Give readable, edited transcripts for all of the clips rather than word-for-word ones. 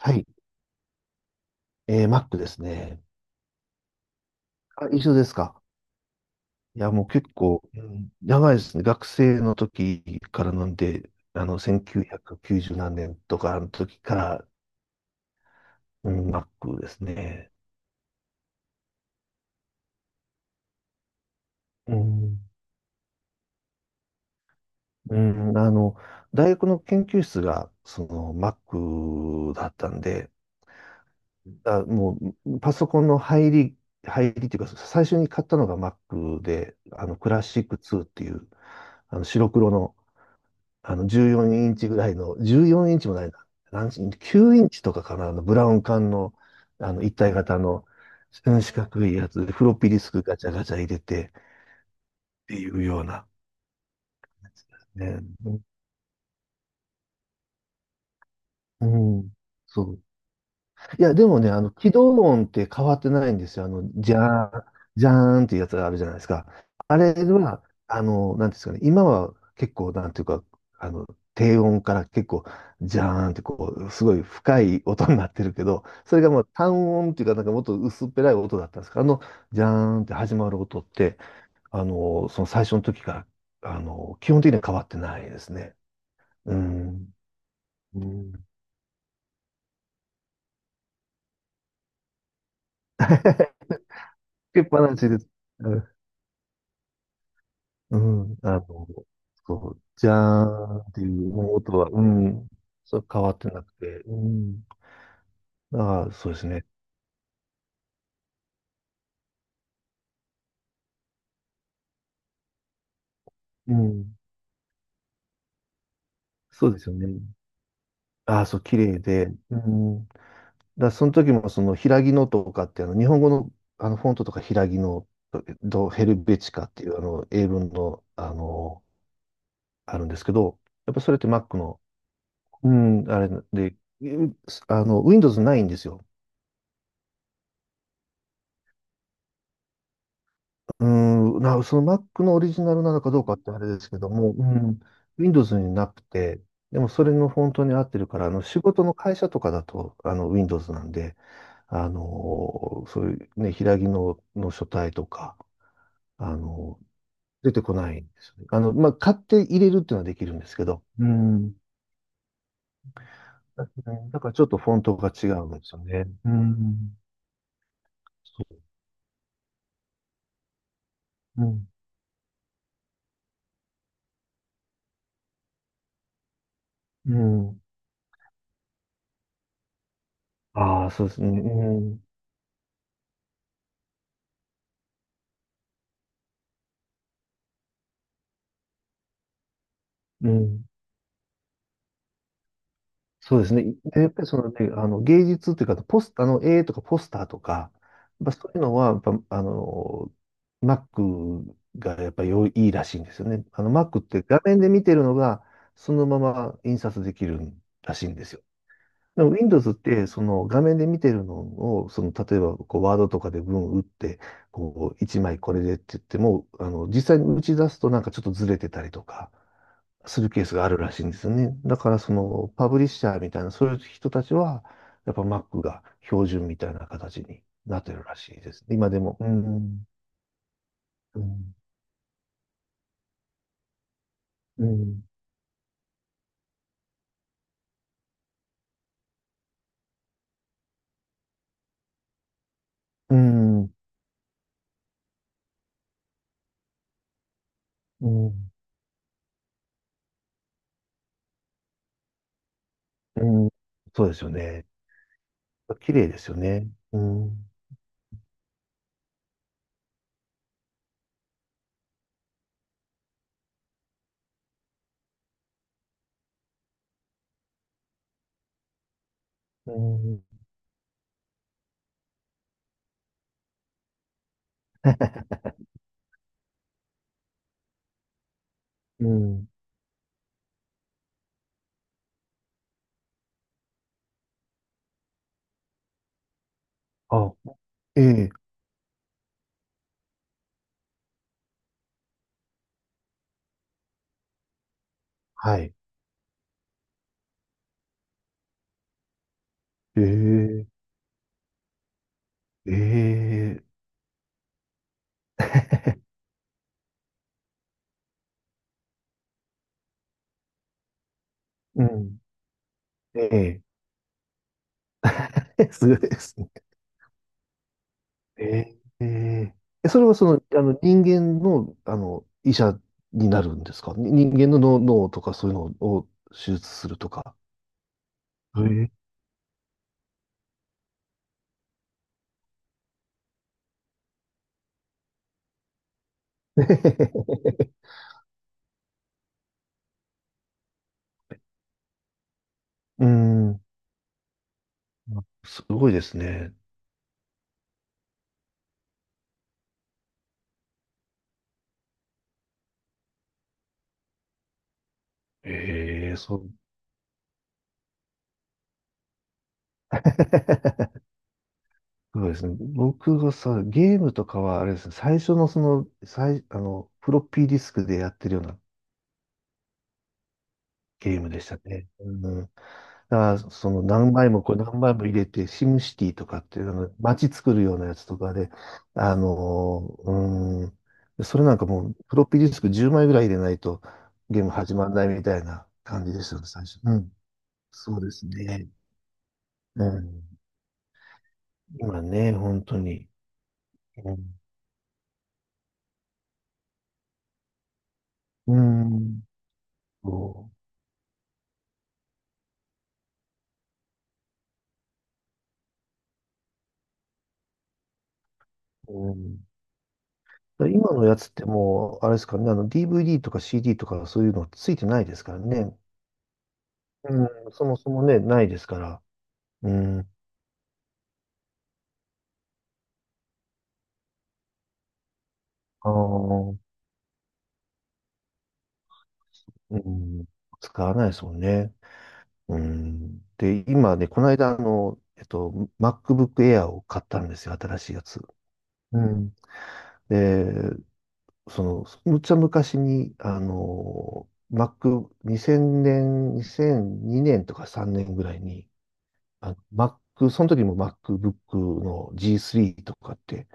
はい。Mac ですね。あ、一緒ですか。いや、もう結構、うん、長いですね。学生の時からなんで、1990何年とかの時から、うん、Mac ですね。うん。うん、大学の研究室が、Mac だったんで、あ、もう、パソコンの入りっていうか、最初に買ったのが Mac で、クラシック2っていう、白黒の、14インチぐらいの、14インチもないな。何インチ？ 9 インチとかかな、ブラウン管の、一体型の、四角いやつで、フロッピーディスクガチャガチャ入れてっていうようなやつですね。うん。うんそういや、でもね、起動音って変わってないんですよ。じゃーん、じゃーんっていうやつがあるじゃないですか。あれは、なんていうんですかね、今は結構、なんていうか、あの、低音から結構、じゃーんってこう、すごい深い音になってるけど、それがもう単音っていうか、なんかもっと薄っぺらい音だったんですけど、じゃーんって始まる音って、その最初の時から、基本的には変わってないですね。うん。うん。つけっぱなしです。うん、そう、じゃーんっていう音は、うん、そう変わってなくて、うん、ああ、そうですね。うん、そうですよね。ああ、そう、綺麗で、うん、だからその時もその、平木のとかって、日本語の、フォントとか平木の、ドヘルベチカっていう、英文の、あるんですけど、やっぱそれって Mac の、うん、あれで、うん、Windows ないんですよ。うーん、その Mac のオリジナルなのかどうかってあれですけども、うん、Windows になくて、でもそれのフォントに合ってるから、仕事の会社とかだとWindows なんで、あのそういうね、平きの、の書体とか、あのー出てこないんですよね。まあ、買って入れるっていうのはできるんですけど、うん、だだからちょっとフォントが違うんですよね。うん、そう、うん、うん。ああ、そうですね。うん、うん。そうですね。で、やっぱりそのね、芸術っていうか、絵とかポスターとか、やっぱそういうのは、やっぱ、Mac がやっぱり良いいいらしいんですよね。Mac って画面で見てるのが、そのまま印刷できるらしいんですよ。でも Windows って、その画面で見てるのを、その例えばこうワードとかで文打って、こう、一枚これでって言っても、実際に打ち出すとなんかちょっとずれてたりとかするケースがあるらしいんですよね。だからそのパブリッシャーみたいな、そういう人たちは、やっぱ Mac が標準みたいな形になってるらしいです。今でも。うん。うん。うん。うん。うん。うんそうですよね。綺麗ですよね。うん。うん。うん。あ、ええ、はい。ええ、ええ、うん。ええ、すごいですね。ええ、ええ、それはその、人間の、医者になるんですかに人間の脳とかそういうのを手術するとか。ええ。うん。すごいですね。ええ、そう。そうですね。僕がさ、ゲームとかは、あれですね、最初のその、フロッピーディスクでやってるようなゲームでしたね。うん。だから、その何枚もこれ何枚も入れて、シムシティとかっていう街作るようなやつとかで、あのーうん。それなんかもう、フロッピーディスク10枚ぐらい入れないとゲーム始まらないみたいな感じでしたね、最初。うん。そうですね。うん。今ね、本当に。うん。うんそう。うん。今のやつってもう、あれですからね、DVD とか CD とかそういうのついてないですからね。うん、そもそもね、ないですから。うん、ああ、うん、使わないですもんね。うん、で、今ね、この間、MacBook Air を買ったんですよ、新しいやつ。うん。で、その、むっちゃ昔に、Mac、2000年、2002年とか3年ぐらいに、Mac、その時も MacBook の G3 とかって、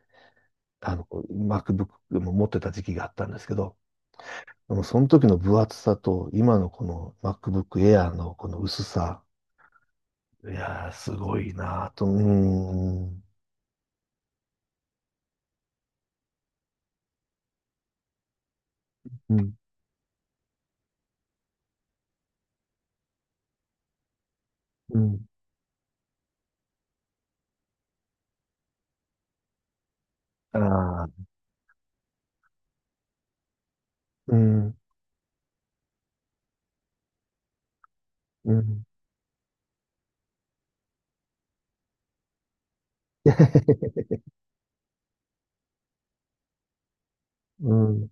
MacBook も持ってた時期があったんですけど、でもその時の分厚さと、今のこの MacBook Air のこの薄さ、いやー、すごいなぁと、うーん、うん、うん、ああ、うん、うん、うん、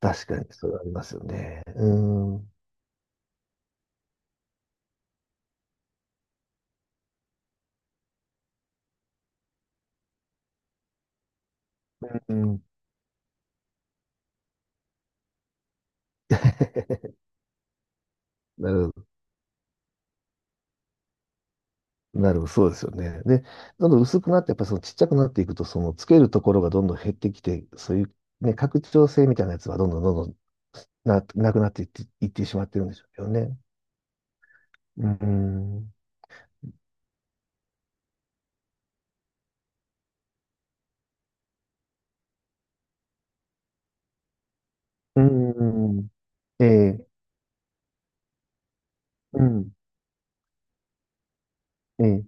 確かにそれはありますよね。うん、うん、なるほど、なるほど、そうですよね。で、どんどん薄くなって、やっぱりそのちっちゃくなっていくと、そのつけるところがどんどん減ってきて、そういうね、拡張性みたいなやつはどんどんどんどんなくなっていって、いってしまってるんでしょうけどね。うん。うん。ええ、うん。ええ、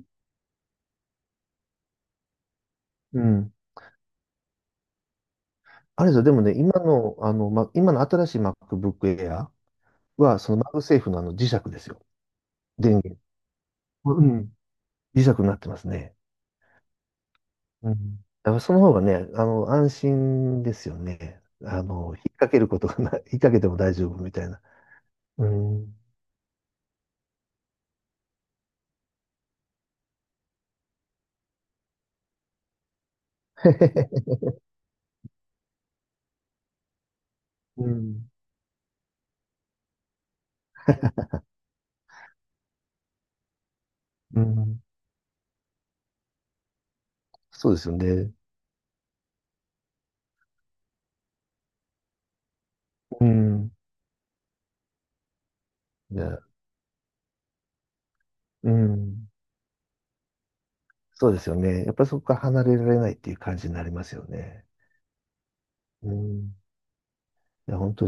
うん。あれですよ、でもね、今の、ま、今の新しい MacBook Air は、そのマグセーフのあの磁石ですよ。電源。うん。磁石になってますね。うん。だからその方がね、安心ですよね。引っ掛けることがない、引っ掛けても大丈夫みたいな。うん。うん。うん。そうですよね。うん。じゃあ、うん。そうですよね。やっぱりそこから離れられないっていう感じになりますよね。うん。いや、本当